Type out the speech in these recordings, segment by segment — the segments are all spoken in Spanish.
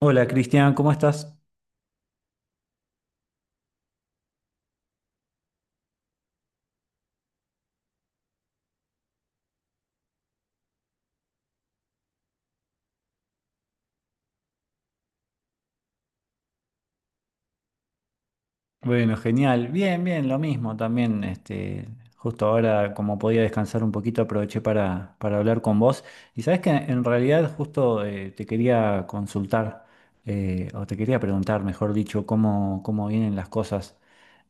Hola Cristian, ¿cómo estás? Bueno, genial. Bien, bien, lo mismo también. Justo ahora, como podía descansar un poquito, aproveché para hablar con vos. Y sabes que en realidad justo te quería consultar, o te quería preguntar, mejor dicho, cómo vienen las cosas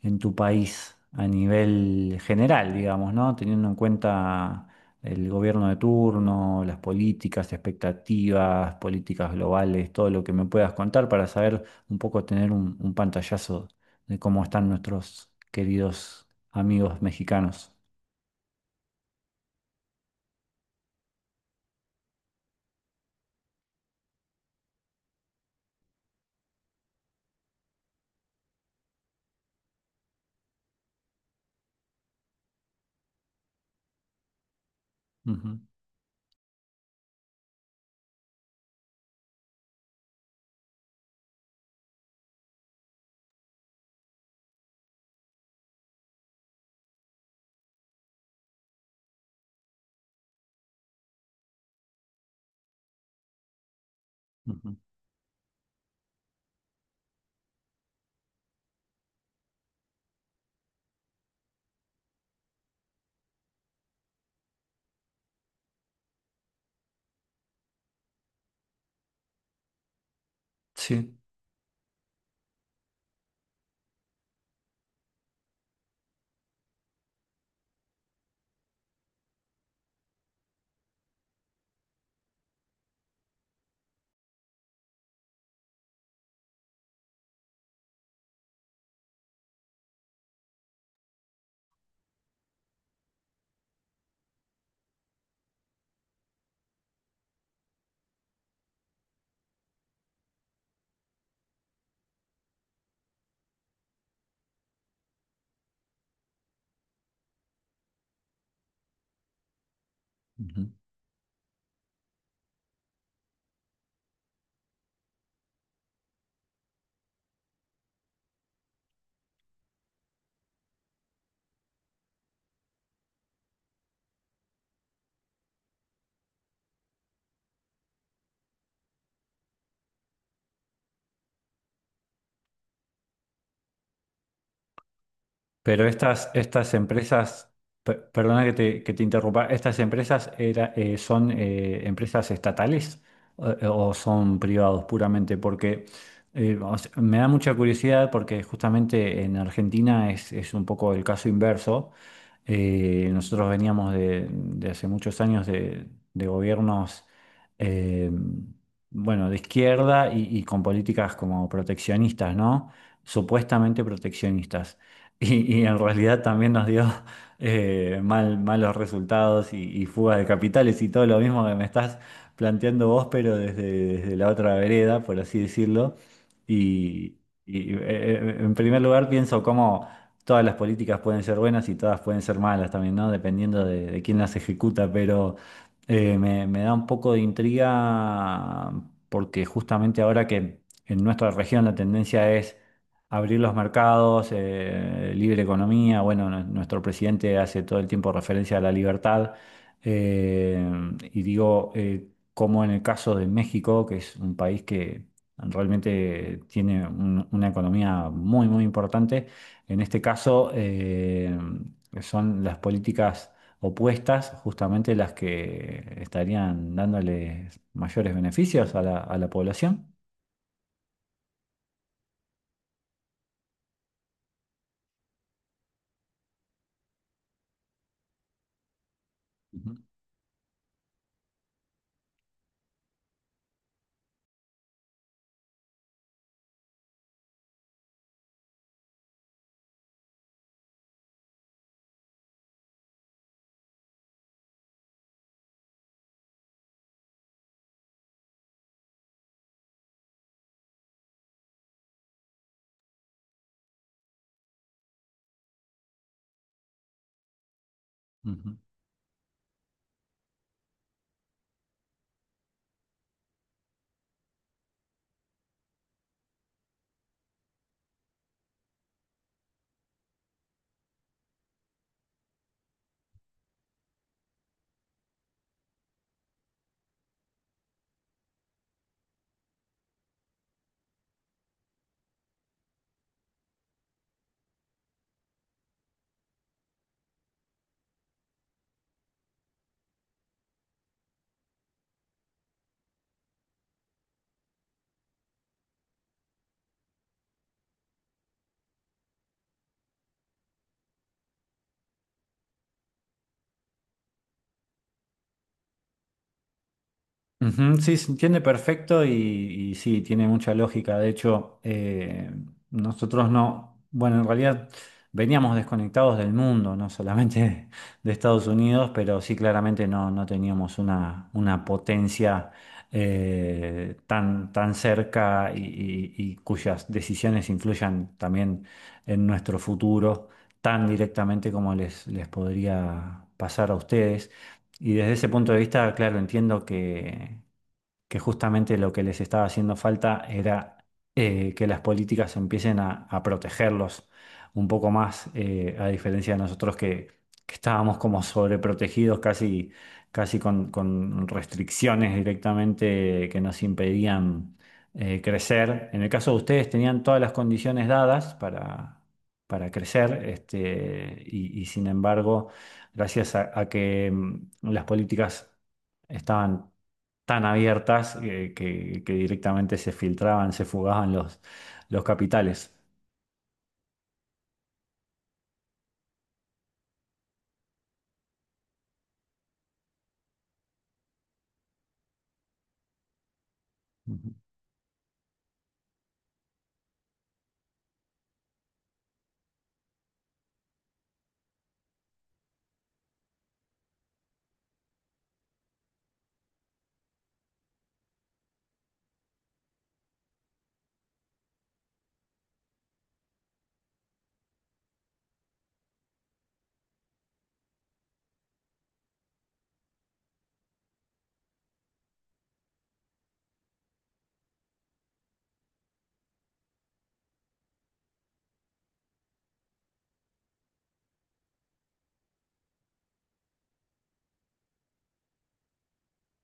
en tu país a nivel general, digamos, ¿no? Teniendo en cuenta el gobierno de turno, las políticas, expectativas, políticas globales, todo lo que me puedas contar para saber un poco, tener un pantallazo de cómo están nuestros queridos amigos mexicanos. Ujú, ujú. Sí. Ujú. Pero estas empresas, perdona que que te interrumpa, ¿estas empresas son empresas estatales o son privados puramente? Porque o sea, me da mucha curiosidad porque justamente en Argentina es un poco el caso inverso. Nosotros veníamos de hace muchos años de gobiernos eh, bueno, de izquierda y con políticas como proteccionistas, ¿no? Supuestamente proteccionistas. Y en realidad también nos dio malos resultados y fuga de capitales y todo lo mismo que me estás planteando vos, pero desde la otra vereda, por así decirlo. Y, en primer lugar pienso cómo todas las políticas pueden ser buenas y todas pueden ser malas también, ¿no? Dependiendo de quién las ejecuta, pero me da un poco de intriga porque justamente ahora que en nuestra región la tendencia es abrir los mercados, libre economía. Bueno, nuestro presidente hace todo el tiempo referencia a la libertad. eh, y digo, como en el caso de México, que es un país que realmente tiene una economía muy, muy importante, en este caso son las políticas opuestas justamente las que estarían dándoles mayores beneficios a a la población. Ujú, ujú. Ujú. Sí, se entiende perfecto y sí, tiene mucha lógica. De hecho, nosotros no, bueno, en realidad veníamos desconectados del mundo, no solamente de Estados Unidos, pero sí claramente no teníamos una potencia tan cerca y cuyas decisiones influyan también en nuestro futuro tan directamente como les podría pasar a ustedes. Y desde ese punto de vista, claro, entiendo que justamente lo que les estaba haciendo falta era que las políticas empiecen a protegerlos un poco más, a diferencia de nosotros que estábamos como sobreprotegidos, casi, con restricciones directamente que nos impedían crecer. En el caso de ustedes tenían todas las condiciones dadas para crecer, y sin embargo, gracias a que las políticas estaban tan abiertas que directamente se filtraban, se fugaban los capitales. Ujú,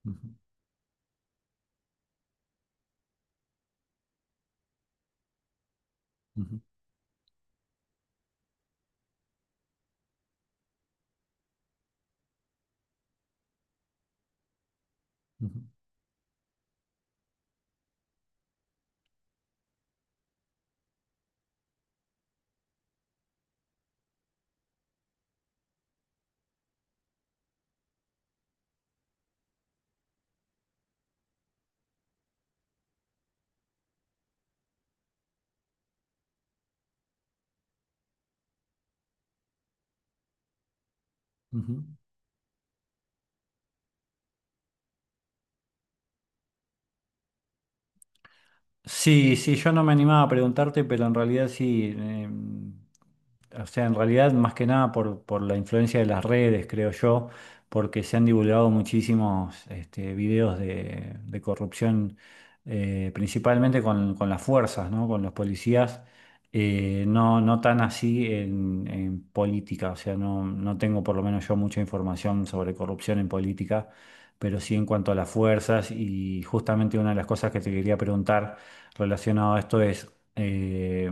ujú, ujú, ujú, ujú. Sí, sí, yo no me animaba a preguntarte, pero en realidad sí. O sea, en realidad más que nada por la influencia de las redes, creo yo, porque se han divulgado muchísimos videos de corrupción, principalmente con las fuerzas, ¿no? Con los policías. No tan así en política, o sea, no, no tengo por lo menos yo mucha información sobre corrupción en política, pero sí en cuanto a las fuerzas y justamente una de las cosas que te quería preguntar relacionado a esto es eh,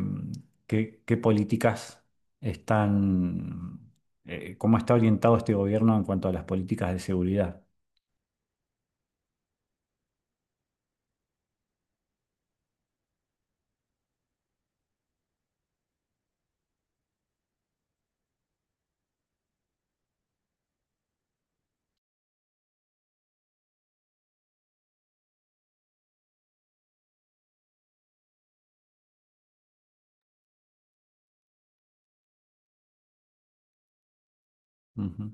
¿qué, ¿qué políticas están, cómo está orientado este gobierno en cuanto a las políticas de seguridad? Ujú,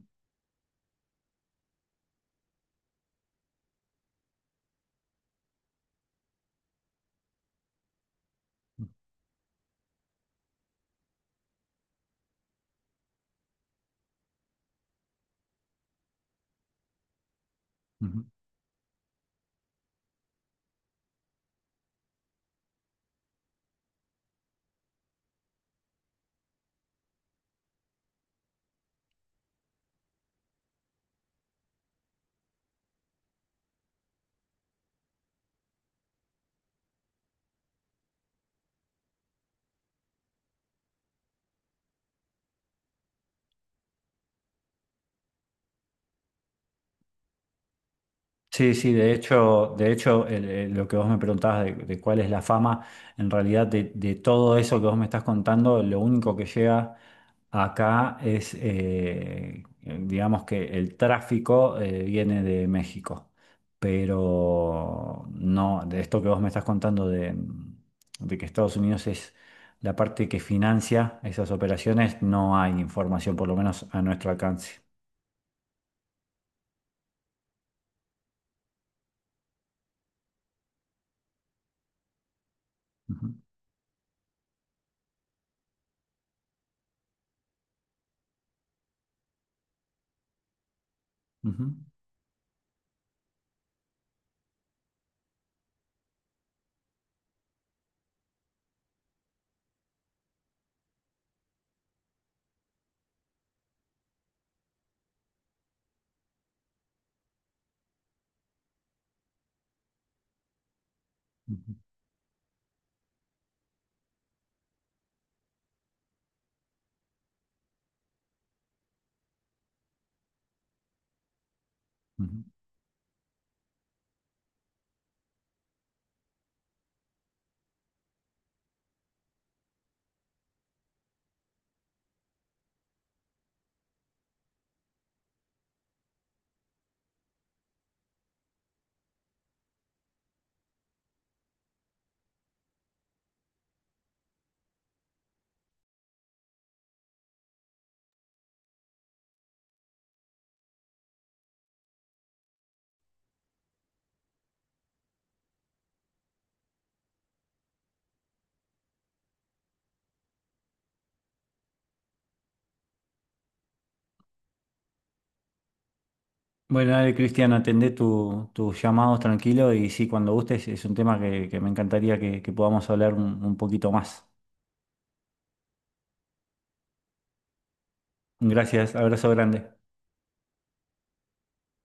ujú. Sí, sí, de hecho lo que vos me preguntabas de cuál es la fama, en realidad de todo eso que vos me estás contando, lo único que llega acá es, digamos que el tráfico viene de México, pero no, de esto que vos me estás contando de que Estados Unidos es la parte que financia esas operaciones, no hay información, por lo menos a nuestro alcance. Ujú, ujú, ujú, ujú. Bueno, dale, Cristian, atendé tus llamados tranquilo y sí, cuando gustes, es un tema que me encantaría que podamos hablar un poquito más. Gracias, abrazo grande.